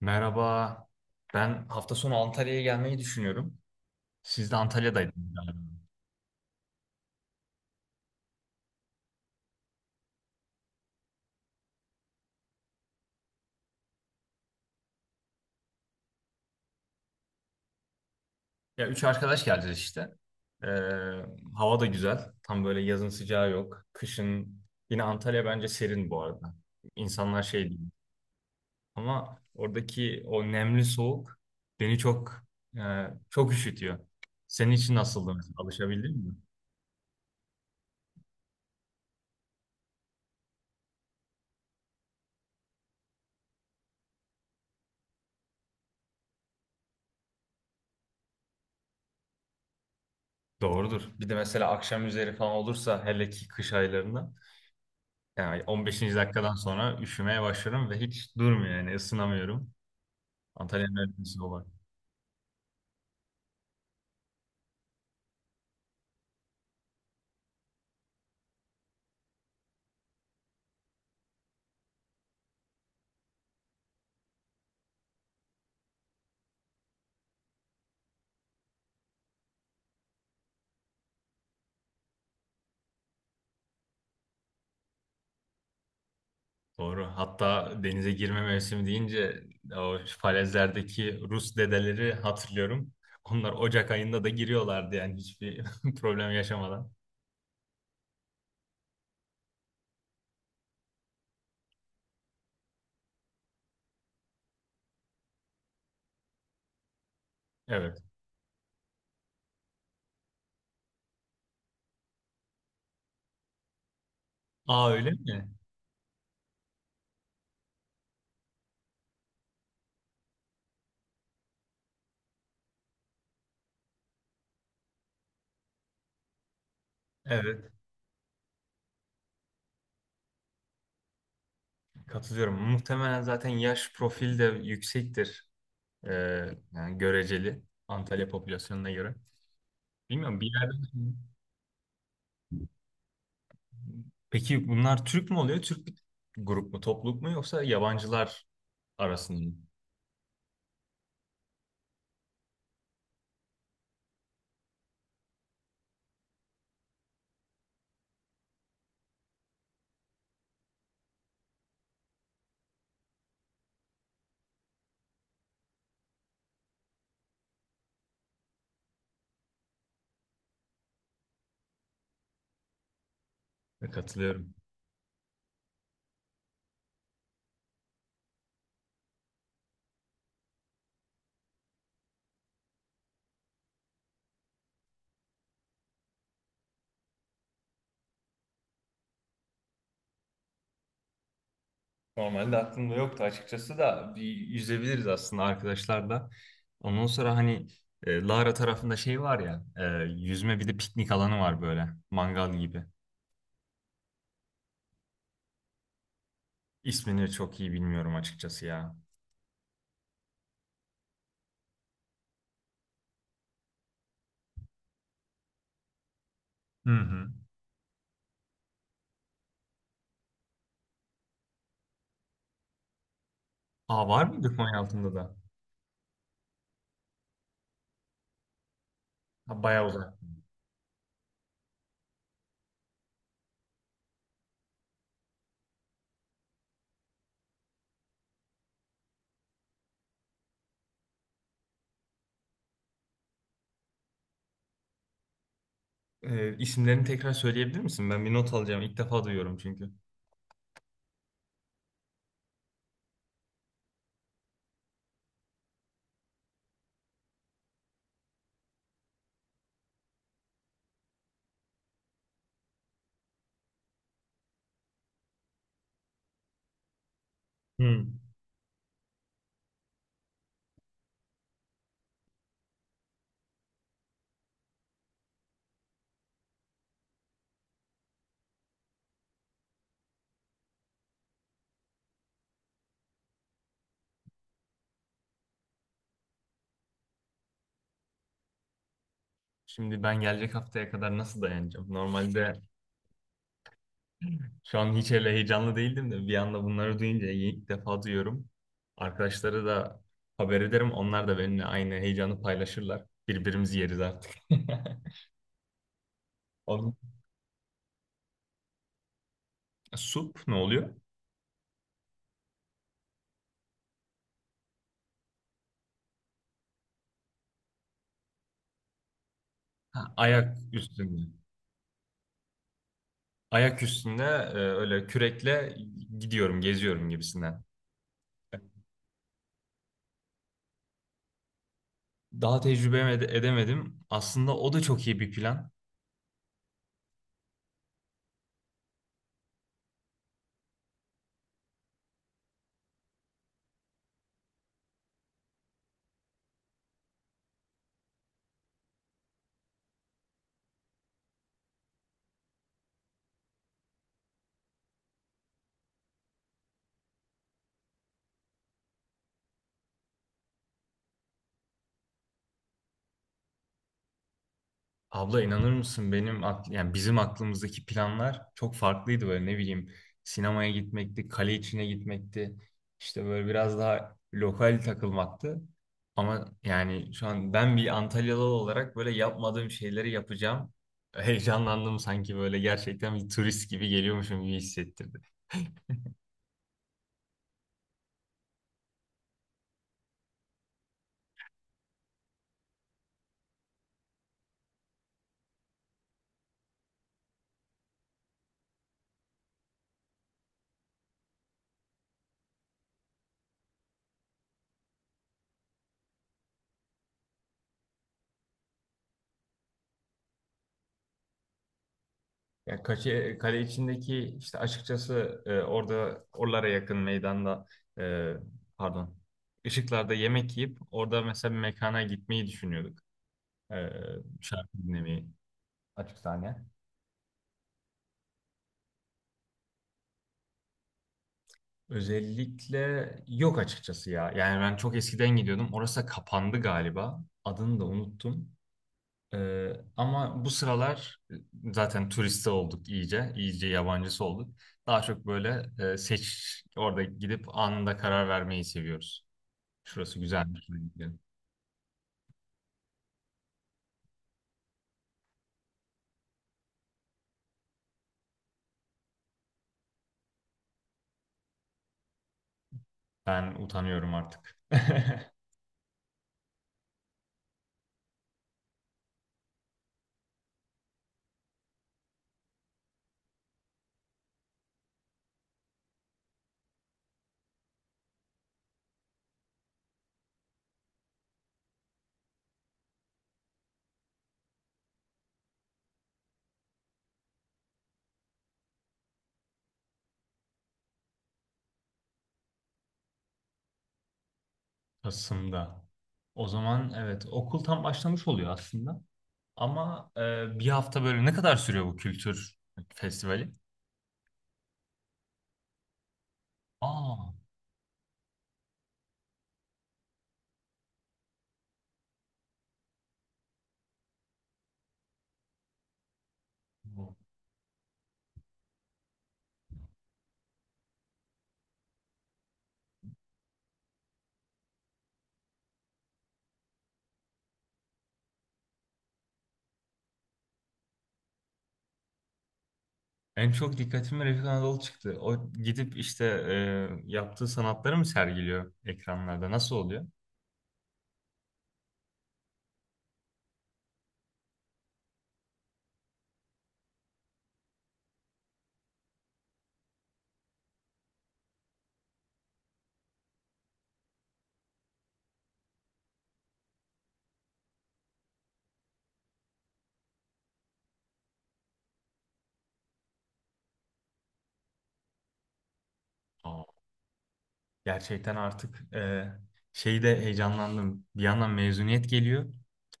Merhaba. Ben hafta sonu Antalya'ya gelmeyi düşünüyorum. Siz de Antalya'daydınız galiba. Ya üç arkadaş geleceğiz işte. Ee, hava da güzel. Tam böyle yazın sıcağı yok. Kışın yine Antalya bence serin bu arada. İnsanlar şey değil. Ama oradaki o nemli soğuk beni çok çok üşütüyor. Senin için nasıldı mesela? Alışabildin mi? Doğrudur. Bir de mesela akşam üzeri falan olursa hele ki kış aylarında yani 15. dakikadan sonra üşümeye başlarım ve hiç durmuyor yani ısınamıyorum. Antalya'nın öyle bir şey var. Doğru. Hatta denize girme mevsimi deyince o falezlerdeki Rus dedeleri hatırlıyorum. Onlar Ocak ayında da giriyorlardı yani hiçbir problem yaşamadan. Evet. Aa öyle mi? Evet. Katılıyorum. Muhtemelen zaten yaş profili de yüksektir. Ee, yani göreceli. Antalya popülasyonuna göre. Bilmiyorum bir yerden. Peki bunlar Türk mü oluyor? Türk bir grup mu, topluluk mu yoksa yabancılar arasında mı? Katılıyorum. Normalde aklımda yoktu açıkçası da bir yüzebiliriz aslında arkadaşlar da. Ondan sonra hani Lara tarafında şey var ya, yüzme bir de piknik alanı var böyle, mangal gibi. İsmini çok iyi bilmiyorum açıkçası ya. Hı hı. Aa var mıydı Konya altında da? Ha, bayağı uzak. E, isimlerini tekrar söyleyebilir misin? Ben bir not alacağım. İlk defa duyuyorum çünkü. Hı. Şimdi ben gelecek haftaya kadar nasıl dayanacağım? Normalde şu an hiç öyle heyecanlı değildim de bir anda bunları duyunca ilk defa duyuyorum. Arkadaşlara da haber ederim. Onlar da benimle aynı heyecanı paylaşırlar. Birbirimizi yeriz artık. Oğlum, sup ne oluyor? Ha, ayak üstünde. Ayak üstünde öyle kürekle gidiyorum, geziyorum gibisinden. Daha tecrübe edemedim. Aslında o da çok iyi bir plan. Abla inanır mısın benim yani bizim aklımızdaki planlar çok farklıydı böyle ne bileyim sinemaya gitmekti, kale içine gitmekti. İşte böyle biraz daha lokal takılmaktı. Ama yani şu an ben bir Antalyalı olarak böyle yapmadığım şeyleri yapacağım. Heyecanlandım sanki böyle gerçekten bir turist gibi geliyormuşum gibi hissettirdi. Ya kale içindeki işte açıkçası orada oralara yakın meydanda e, pardon, ışıklarda yemek yiyip orada mesela bir mekana gitmeyi düşünüyorduk. E, şarkı dinlemeyi, açık sahne. Özellikle yok açıkçası ya. Yani ben çok eskiden gidiyordum. Orası da kapandı galiba. Adını da unuttum. Ama bu sıralar zaten turiste olduk iyice, iyice yabancısı olduk. Daha çok böyle orada gidip anında karar vermeyi seviyoruz. Şurası güzelmiş, şuraya gidelim. Ben utanıyorum artık. Kasım'da. O zaman evet, okul tam başlamış oluyor aslında. Ama bir hafta böyle ne kadar sürüyor bu kültür festivali? Aa, en çok dikkatimi Refik Anadolu çıktı. O gidip işte yaptığı sanatları mı sergiliyor ekranlarda? Nasıl oluyor? Aa, gerçekten artık şeyde heyecanlandım. Bir yandan mezuniyet geliyor.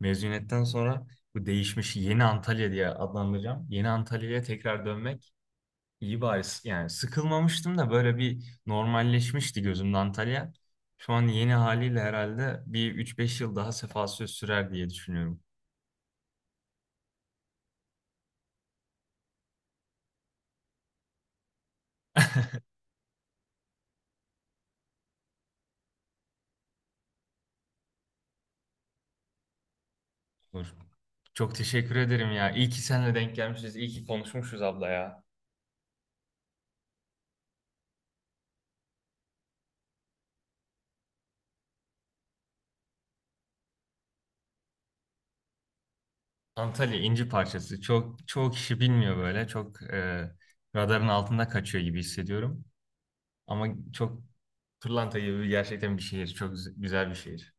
Mezuniyetten sonra bu değişmiş yeni Antalya diye adlandıracağım. Yeni Antalya'ya tekrar dönmek iyi bari. Yani sıkılmamıştım da böyle bir normalleşmişti gözümde Antalya. Şu an yeni haliyle herhalde bir üç beş yıl daha sefa söz sürer diye düşünüyorum. Olur. Çok teşekkür ederim ya. İyi ki seninle denk gelmişiz. İyi ki konuşmuşuz abla ya. Antalya inci parçası. Çok çoğu kişi bilmiyor böyle. Çok radarın altında kaçıyor gibi hissediyorum. Ama çok pırlanta gibi gerçekten bir şehir. Çok güzel bir şehir.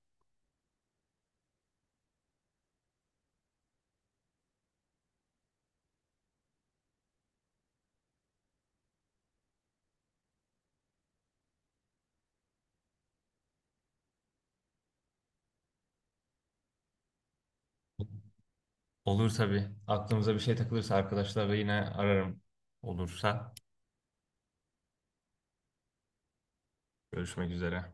Olur tabii. Aklımıza bir şey takılırsa arkadaşlarla yine ararım. Olursa görüşmek üzere.